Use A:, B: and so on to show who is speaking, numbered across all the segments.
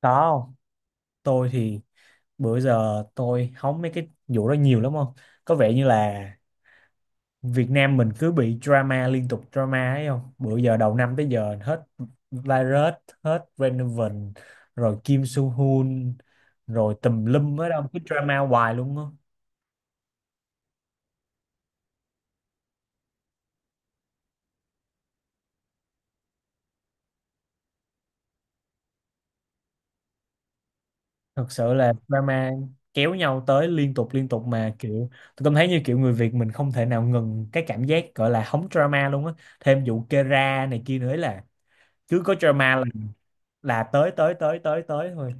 A: Có không? Tôi thì bữa giờ tôi hóng mấy cái vụ đó nhiều lắm không? Có vẻ như là Việt Nam mình cứ bị drama liên tục drama ấy không? Bữa giờ đầu năm tới giờ hết Virus, hết Renovan, rồi Kim Soo Hyun, rồi tùm lum ở đâu cứ drama hoài luôn á. Thật sự là drama kéo nhau tới liên tục mà kiểu tôi cảm thấy như kiểu người Việt mình không thể nào ngừng cái cảm giác gọi là hóng drama luôn á. Thêm vụ Kera này kia nữa ấy là cứ có drama là tới tới tới tới tới thôi.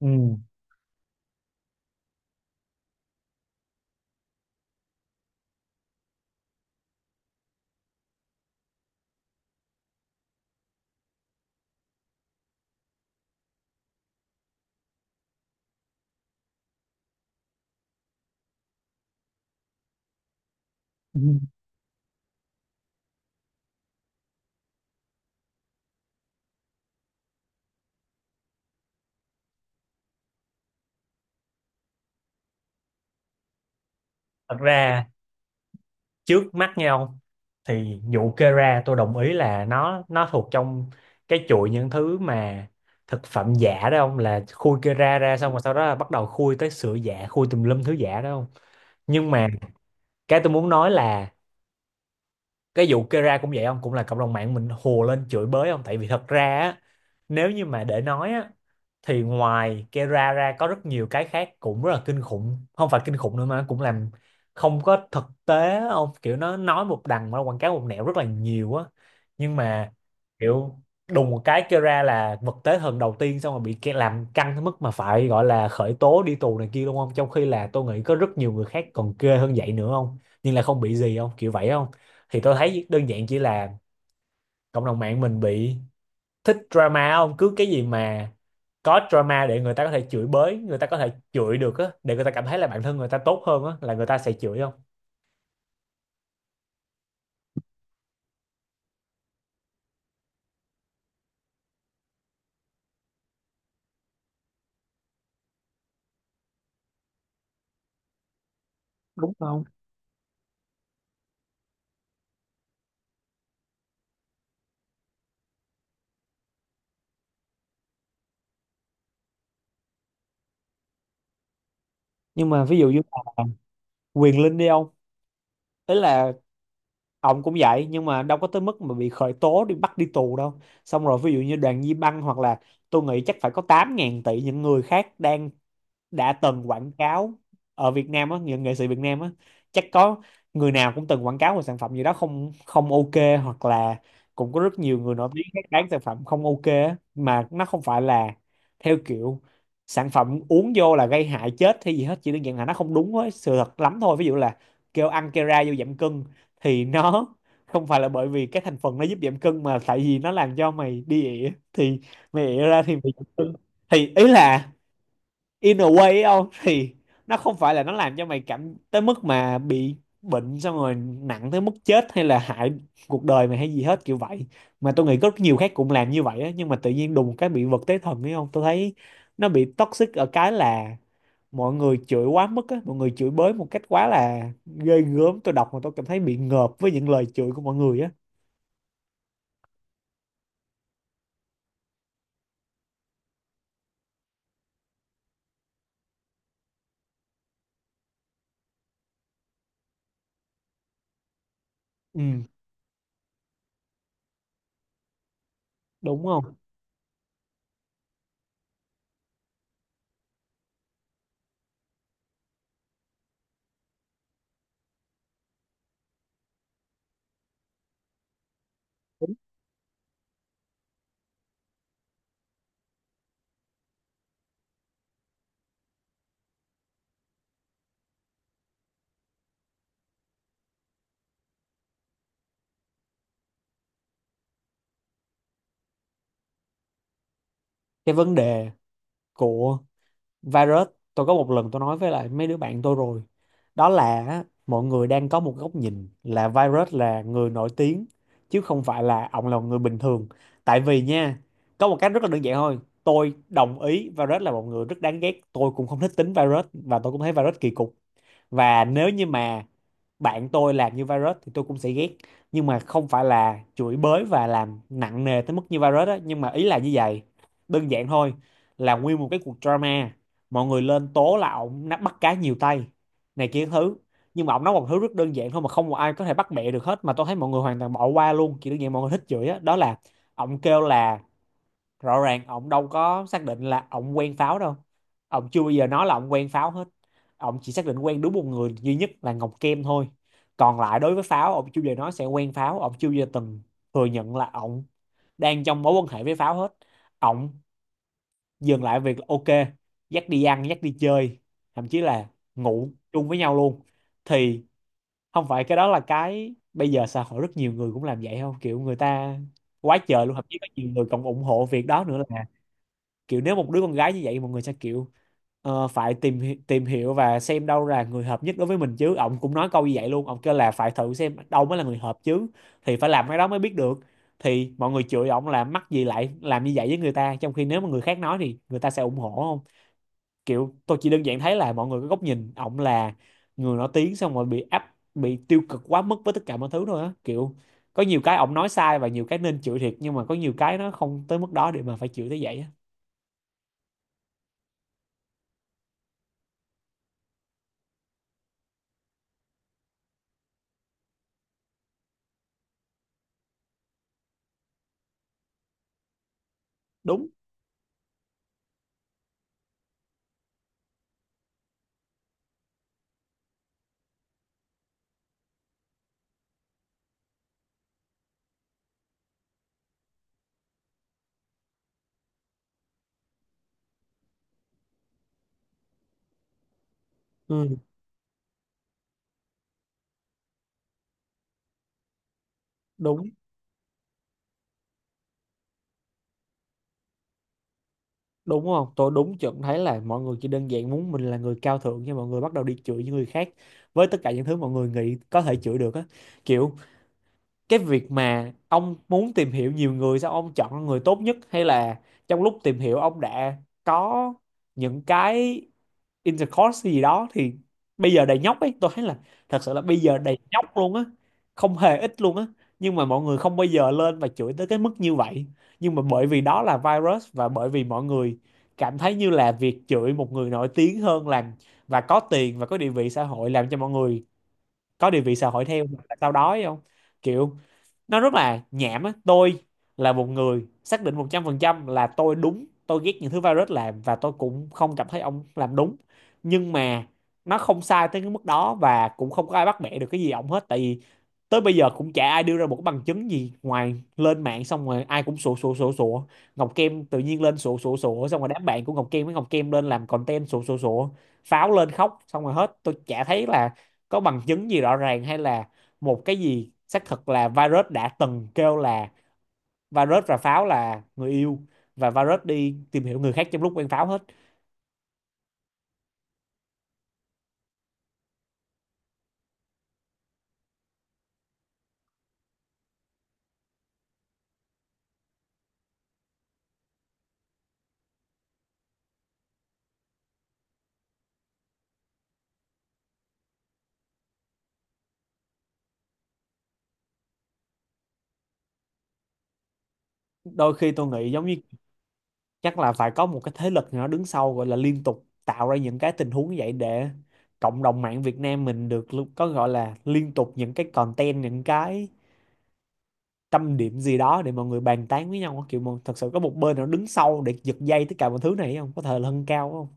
A: Ừ. Ừ, thật ra trước mắt nhau thì vụ kê ra tôi đồng ý là nó thuộc trong cái chuỗi những thứ mà thực phẩm giả đó không, là khui kê ra ra xong rồi sau đó là bắt đầu khui tới sữa giả, khui tùm lum thứ giả đó không. Nhưng mà cái tôi muốn nói là cái vụ Kera cũng vậy không, cũng là cộng đồng mạng mình hùa lên chửi bới không, tại vì thật ra á, nếu như mà để nói á thì ngoài Kera ra có rất nhiều cái khác cũng rất là kinh khủng, không phải kinh khủng nữa mà nó cũng làm không có thực tế á, ông kiểu nó nói một đằng mà nó quảng cáo một nẻo rất là nhiều á. Nhưng mà kiểu đùng một cái Kera là vật tế thần đầu tiên xong rồi bị làm căng tới mức mà phải gọi là khởi tố, đi tù này kia, đúng không, trong khi là tôi nghĩ có rất nhiều người khác còn ghê hơn vậy nữa không, nhưng là không bị gì không, kiểu vậy không. Thì tôi thấy đơn giản chỉ là cộng đồng mạng mình bị thích drama không, cứ cái gì mà có drama để người ta có thể chửi bới, người ta có thể chửi được á, để người ta cảm thấy là bản thân người ta tốt hơn á là người ta sẽ chửi không, đúng không. Nhưng mà ví dụ như là Quyền Linh đi ông, ý là ông cũng vậy nhưng mà đâu có tới mức mà bị khởi tố đi bắt đi tù đâu. Xong rồi ví dụ như Đoàn Di Băng hoặc là tôi nghĩ chắc phải có 8 ngàn tỷ những người khác đang đã từng quảng cáo ở Việt Nam á, những nghệ sĩ Việt Nam á chắc có người nào cũng từng quảng cáo một sản phẩm gì đó không không ok, hoặc là cũng có rất nhiều người nổi tiếng khác bán sản phẩm không ok á, mà nó không phải là theo kiểu sản phẩm uống vô là gây hại chết hay gì hết, chỉ đơn giản là nó không đúng với sự thật lắm thôi. Ví dụ là kêu ăn Kera vô giảm cân thì nó không phải là bởi vì cái thành phần nó giúp giảm cân mà tại vì nó làm cho mày đi ỉa, thì mày ỉa ra thì mày giảm cân. Thì ý là in a way ấy không, thì nó không phải là nó làm cho mày cảm tới mức mà bị bệnh xong rồi nặng tới mức chết hay là hại cuộc đời mày hay gì hết kiểu vậy. Mà tôi nghĩ có rất nhiều khác cũng làm như vậy á nhưng mà tự nhiên đùng một cái bị vật tế thần ấy không. Tôi thấy nó bị toxic ở cái là mọi người chửi quá mức á, mọi người chửi bới một cách quá là ghê gớm, tôi đọc mà tôi cảm thấy bị ngợp với những lời chửi của mọi người á. Ừ, đúng không. Cái vấn đề của virus, tôi có một lần tôi nói với lại mấy đứa bạn tôi rồi, đó là á, mọi người đang có một góc nhìn là virus là người nổi tiếng chứ không phải là ông là một người bình thường. Tại vì nha, có một cách rất là đơn giản thôi, tôi đồng ý virus là một người rất đáng ghét, tôi cũng không thích tính virus và tôi cũng thấy virus kỳ cục, và nếu như mà bạn tôi làm như virus thì tôi cũng sẽ ghét, nhưng mà không phải là chửi bới và làm nặng nề tới mức như virus á. Nhưng mà ý là như vậy, đơn giản thôi. Là nguyên một cái cuộc drama mọi người lên tố là ổng bắt cá nhiều tay này kia thứ, nhưng mà ổng nói một thứ rất đơn giản thôi mà không một ai có thể bắt bẻ được hết, mà tôi thấy mọi người hoàn toàn bỏ qua luôn, chỉ đơn giản mọi người thích chửi á. Đó là ổng kêu là rõ ràng ông đâu có xác định là ông quen pháo đâu, ông chưa bao giờ nói là ông quen pháo hết. Ông chỉ xác định quen đúng một người duy nhất là Ngọc Kem thôi. Còn lại đối với pháo, ông chưa bao giờ nói sẽ quen pháo, ông chưa bao giờ từng thừa nhận là ông đang trong mối quan hệ với pháo hết. Ông dừng lại việc là ok, dắt đi ăn dắt đi chơi, thậm chí là ngủ chung với nhau luôn. Thì không phải cái đó là cái bây giờ xã hội rất nhiều người cũng làm vậy không, kiểu người ta quá trời luôn, thậm chí có nhiều người còn ủng hộ việc đó nữa là kiểu nếu một đứa con gái như vậy mọi người sẽ kiểu ờ, phải tìm hiểu và xem đâu là người hợp nhất đối với mình chứ. Ông cũng nói câu như vậy luôn, ông kêu là phải thử xem đâu mới là người hợp chứ, thì phải làm cái đó mới biết được. Thì mọi người chửi ông là mắc gì lại làm như vậy với người ta, trong khi nếu mà người khác nói thì người ta sẽ ủng hộ không. Kiểu tôi chỉ đơn giản thấy là mọi người có góc nhìn ông là người nổi tiếng xong rồi bị áp bị tiêu cực quá mức với tất cả mọi thứ thôi á. Kiểu có nhiều cái ông nói sai và nhiều cái nên chửi thiệt, nhưng mà có nhiều cái nó không tới mức đó để mà phải chửi tới vậy á. Đúng. Ừ. Đúng, đúng không. Tôi đúng chuẩn thấy là mọi người chỉ đơn giản muốn mình là người cao thượng nhưng mọi người bắt đầu đi chửi những người khác với tất cả những thứ mọi người nghĩ có thể chửi được á. Kiểu cái việc mà ông muốn tìm hiểu nhiều người sao ông chọn người tốt nhất, hay là trong lúc tìm hiểu ông đã có những cái intercourse gì đó thì bây giờ đầy nhóc ấy. Tôi thấy là thật sự là bây giờ đầy nhóc luôn á, không hề ít luôn á, nhưng mà mọi người không bao giờ lên và chửi tới cái mức như vậy. Nhưng mà bởi vì đó là virus và bởi vì mọi người cảm thấy như là việc chửi một người nổi tiếng hơn làm và có tiền và có địa vị xã hội làm cho mọi người có địa vị xã hội theo, hoặc là tao đói không. Kiểu nó rất là nhảm á. Tôi là một người xác định 100% là tôi đúng, tôi ghét những thứ virus làm và tôi cũng không cảm thấy ông làm đúng, nhưng mà nó không sai tới cái mức đó và cũng không có ai bắt bẻ được cái gì ông hết, tại vì tới bây giờ cũng chả ai đưa ra một cái bằng chứng gì, ngoài lên mạng xong rồi ai cũng sủa sủa sủa sủa. Ngọc Kem tự nhiên lên sủa sủa sủa, xong rồi đám bạn của Ngọc Kem với Ngọc Kem lên làm content sủa sủa sủa, pháo lên khóc xong rồi hết. Tôi chả thấy là có bằng chứng gì rõ ràng, hay là một cái gì xác thực là virus đã từng kêu là virus và pháo là người yêu, và virus đi tìm hiểu người khác trong lúc quen pháo hết. Đôi khi tôi nghĩ giống như chắc là phải có một cái thế lực nào đó đứng sau gọi là liên tục tạo ra những cái tình huống như vậy để cộng đồng mạng Việt Nam mình được có gọi là liên tục những cái content, những cái tâm điểm gì đó để mọi người bàn tán với nhau, kiểu mà thật sự có một bên nào đứng sau để giật dây tất cả mọi thứ này không, có thể là hơn cao không.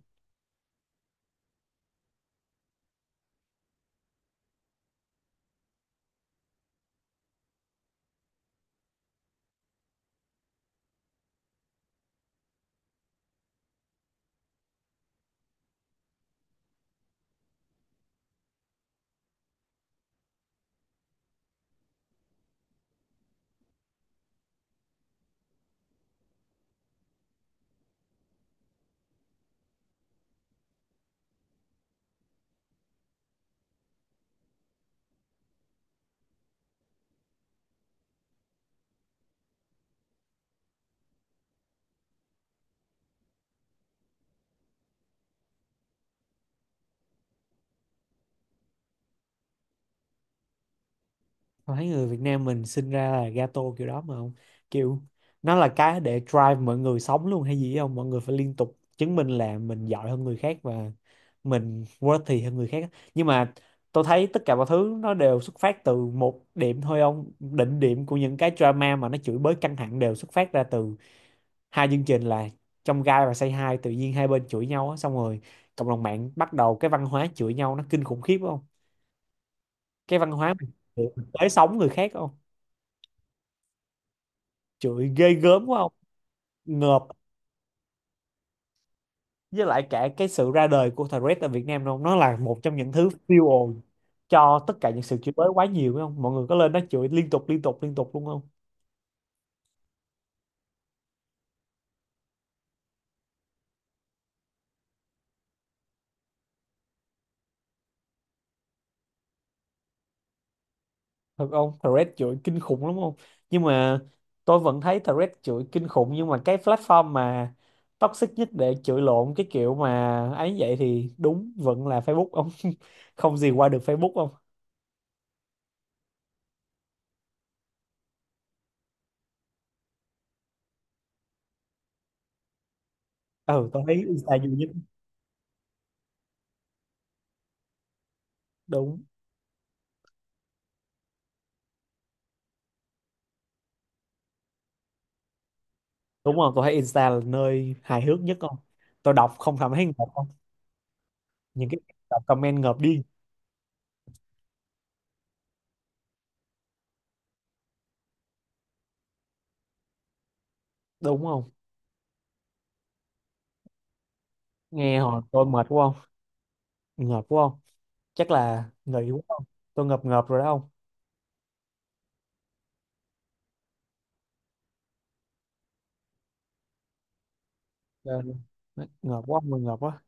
A: Thấy người Việt Nam mình sinh ra là gato kiểu đó mà không, kiểu nó là cái để drive mọi người sống luôn hay gì không. Mọi người phải liên tục chứng minh là mình giỏi hơn người khác và mình worthy hơn người khác, nhưng mà tôi thấy tất cả mọi thứ nó đều xuất phát từ một điểm thôi ông. Đỉnh điểm của những cái drama mà nó chửi bới căng thẳng đều xuất phát ra từ hai chương trình là trong gai và say hi, tự nhiên hai bên chửi nhau á, xong rồi cộng đồng mạng bắt đầu cái văn hóa chửi nhau nó kinh khủng khiếp không. Cái văn hóa mình tới sống người khác không, chửi ghê gớm quá không. Ngợp. Với lại cả cái sự ra đời của Threads tại Việt Nam luôn, nó là một trong những thứ fuel ồn cho tất cả những sự chửi bới quá nhiều phải không, mọi người có lên đó chửi liên tục liên tục liên tục luôn không. Thật không, Threads chửi kinh khủng lắm không, nhưng mà tôi vẫn thấy Threads chửi kinh khủng, nhưng mà cái platform mà toxic nhất để chửi lộn, cái kiểu mà ấy, vậy thì đúng vẫn là Facebook ông. Không gì qua được Facebook không. Ừ, tôi thấy Insta nhiều nhất. Đúng. Đúng rồi, tôi thấy Insta là nơi hài hước nhất không, tôi đọc không cảm thấy ngợp không, những cái đọc comment ngợp đi. Đúng không, nghe hồi tôi mệt quá không, ngợp quá không, chắc là nghỉ quá không. Tôi ngợp ngợp rồi đó không. Trời ơi, ngợp quá không ngợp quá.